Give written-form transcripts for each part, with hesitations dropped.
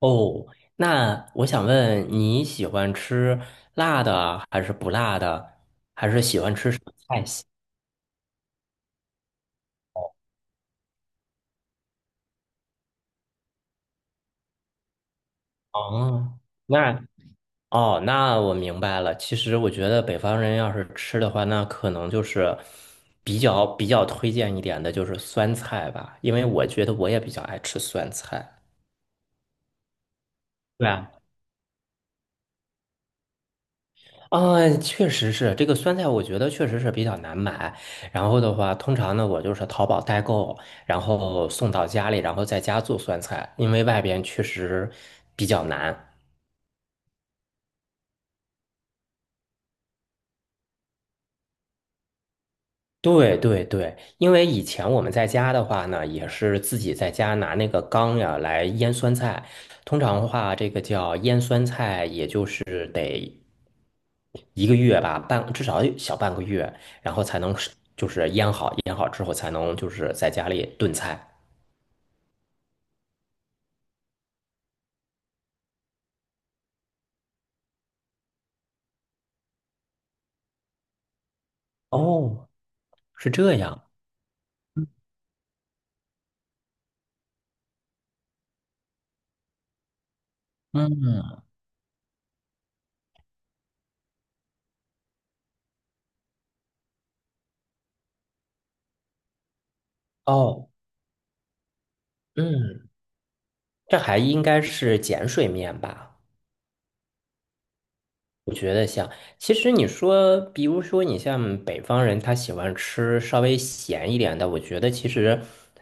哦，那我想问你喜欢吃辣的还是不辣的，还是喜欢吃什么菜系？哦，那哦,那我明白了。其实我觉得北方人要是吃的话，那可能就是比较推荐一点的就是酸菜吧，因为我觉得我也比较爱吃酸菜。对啊，确实是这个酸菜，我觉得确实是比较难买。然后的话，通常呢，我就是淘宝代购，然后送到家里，然后在家做酸菜，因为外边确实比较难。对对对，因为以前我们在家的话呢，也是自己在家拿那个缸呀来腌酸菜。通常的话，这个叫腌酸菜，也就是得一个月吧，半至少小半个月，然后才能是就是腌好，腌好之后才能就是在家里炖菜。哦，是这样。嗯，哦，嗯，这还应该是碱水面吧？我觉得像，其实你说，比如说你像北方人，他喜欢吃稍微咸一点的。我觉得其实，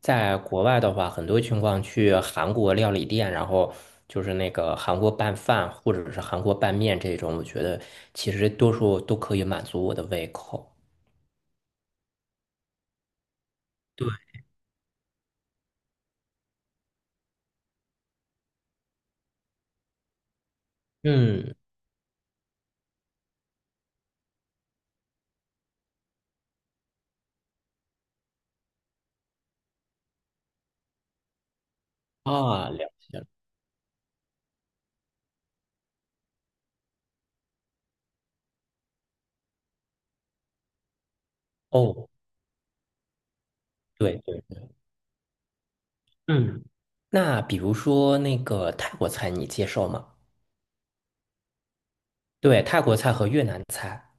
在国外的话，很多情况去韩国料理店，然后就是那个韩国拌饭或者是韩国拌面这种，我觉得其实多数都可以满足我的胃口。对，嗯，啊，了解了。哦，对对，嗯，那比如说那个泰国菜，你接受吗？对，泰国菜和越南菜。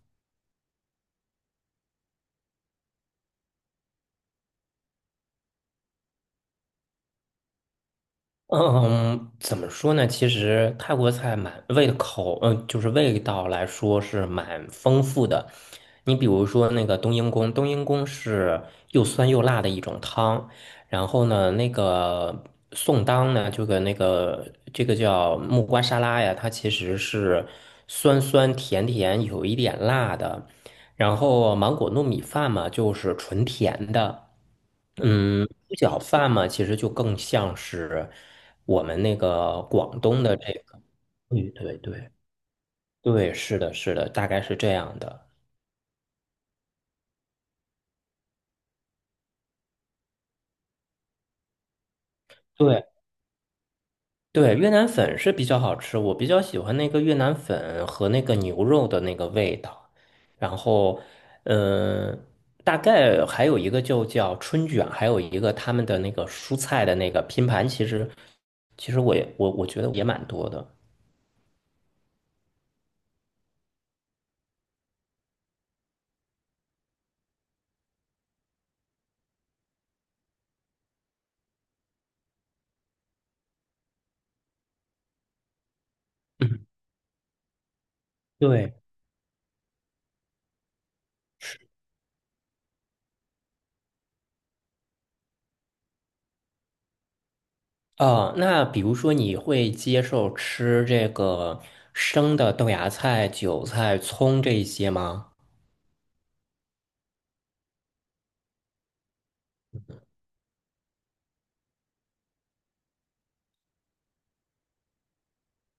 嗯，怎么说呢？其实泰国菜蛮味口，嗯，就是味道来说是蛮丰富的。你比如说那个冬阴功，冬阴功是又酸又辣的一种汤。然后呢，那个宋当呢，就跟那个这个叫木瓜沙拉呀，它其实是酸酸甜甜，有一点辣的。然后芒果糯米饭嘛，就是纯甜的。嗯，猪脚饭嘛，其实就更像是我们那个广东的这个，对对对对，是的，是的，大概是这样的。对对，越南粉是比较好吃，我比较喜欢那个越南粉和那个牛肉的那个味道。然后，嗯，大概还有一个就叫春卷，还有一个他们的那个蔬菜的那个拼盘，其实其实我觉得也蛮多的。嗯，对，哦，那比如说你会接受吃这个生的豆芽菜、韭菜、葱这一些吗？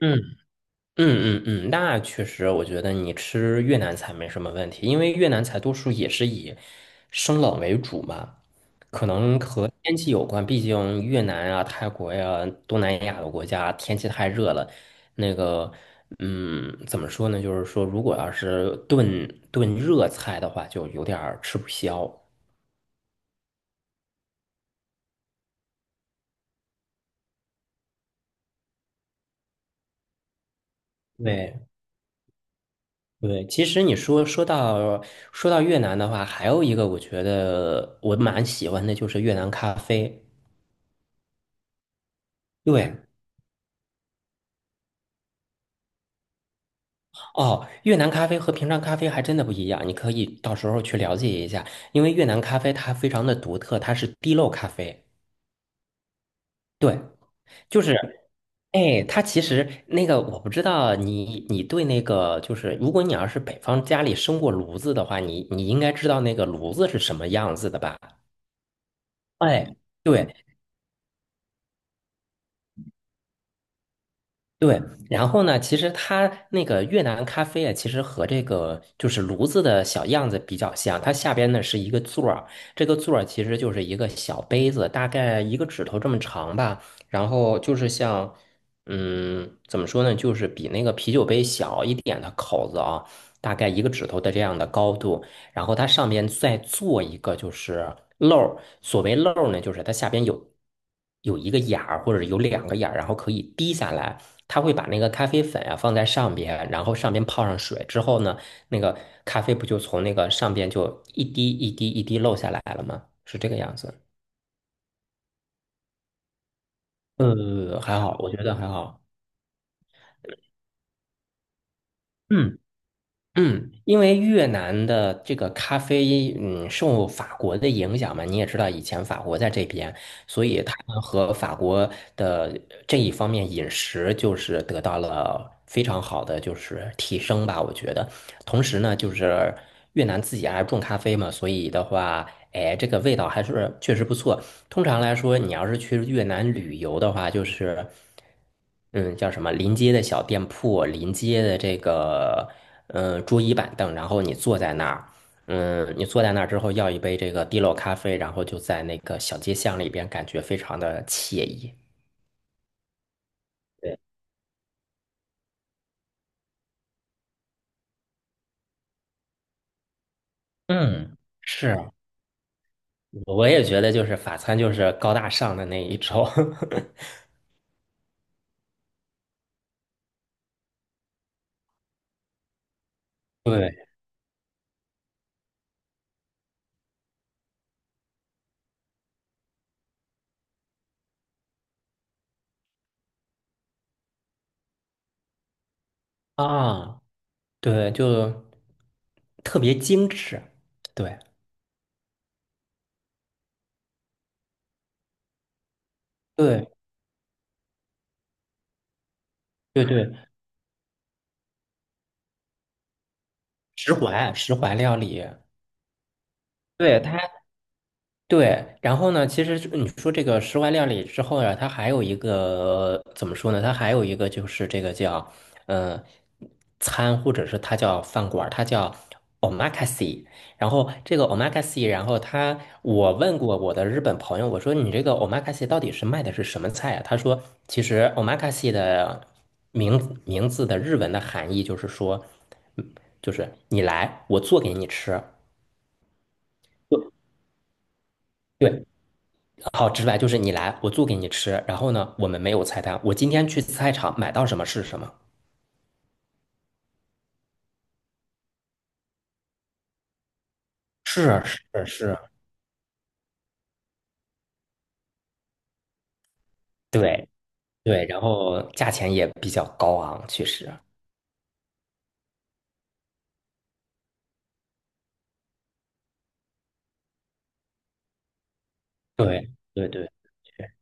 嗯嗯，那确实，我觉得你吃越南菜没什么问题，因为越南菜多数也是以生冷为主嘛，可能和天气有关，毕竟越南啊、泰国呀、东南亚的国家天气太热了，那个。嗯，怎么说呢？就是说，如果要是炖热菜的话，就有点儿吃不消。对，对，其实你说说到越南的话，还有一个我觉得我蛮喜欢的就是越南咖啡。对，哦，越南咖啡和平常咖啡还真的不一样，你可以到时候去了解一下，因为越南咖啡它非常的独特，它是滴漏咖啡。对，就是，哎，它其实那个我不知道你对那个就是，如果你要是北方家里生过炉子的话，你应该知道那个炉子是什么样子的吧？哎。对，对，然后呢，其实它那个越南咖啡啊，其实和这个就是炉子的小样子比较像。它下边呢是一个座儿，这个座儿其实就是一个小杯子，大概一个指头这么长吧。然后就是像，嗯，怎么说呢，就是比那个啤酒杯小一点的口子啊，大概一个指头的这样的高度。然后它上面再做一个就是漏儿，所谓漏儿呢，就是它下边有一个眼儿或者有两个眼儿，然后可以滴下来。它会把那个咖啡粉啊放在上边，然后上边泡上水之后呢，那个咖啡不就从那个上边就一滴一滴一滴漏下来了吗？是这个样子。呃，还好，我觉得还好。嗯嗯，因为越南的这个咖啡，嗯，受法国的影响嘛，你也知道，以前法国在这边。所以他们和法国的这一方面饮食就是得到了非常好的就是提升吧，我觉得。同时呢，就是越南自己还种咖啡嘛，所以的话，哎，这个味道还是确实不错。通常来说，你要是去越南旅游的话，就是，嗯，叫什么临街的小店铺，临街的这个，嗯，桌椅板凳，然后你坐在那儿。嗯，你坐在那儿之后，要一杯这个滴漏咖啡，然后就在那个小街巷里边，感觉非常的惬意。对，嗯，是，我也觉得就是法餐就是高大上的那一种。对啊，对，就特别精致。对对对对，石怀料理，对，它对，然后呢，其实就你说这个室外料理之后呀，它还有一个怎么说呢？它还有一个就是这个叫呃餐，或者是它叫饭馆儿它叫 omakase。然后这个 omakase,然后他我问过我的日本朋友，我说你这个 omakase 到底是卖的是什么菜啊？他说其实 omakase 的名字的日文的含义就是说，嗯就是你来，我做给你吃。对，好直白，就是你来，我做给你吃。然后呢，我们没有菜单，我今天去菜场买到什么是什么。是是是，对对，然后价钱也比较高昂，确实。对对对，是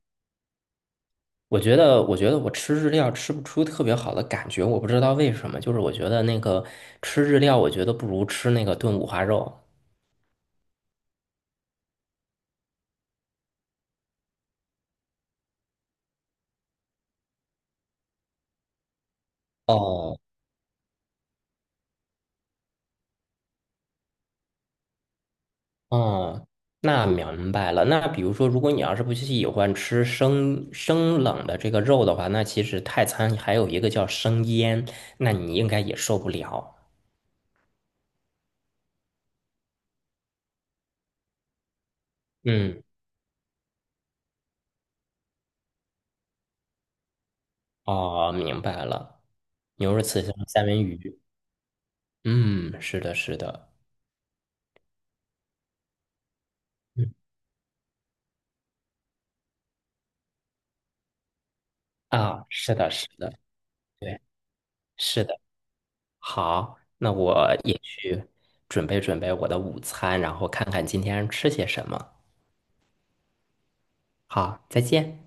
我觉得我吃日料吃不出特别好的感觉，我不知道为什么，就是我觉得那个吃日料，我觉得不如吃那个炖五花肉。哦哦，那明白了。那比如说，如果你要是不喜欢吃生冷的这个肉的话，那其实泰餐还有一个叫生腌，那你应该也受不了。嗯，哦，明白了。牛肉刺身、三文鱼。嗯，是的，是的。嗯，啊，是的，是的，对，是的。好，那我也去准备我的午餐，然后看看今天吃些什么。好，再见。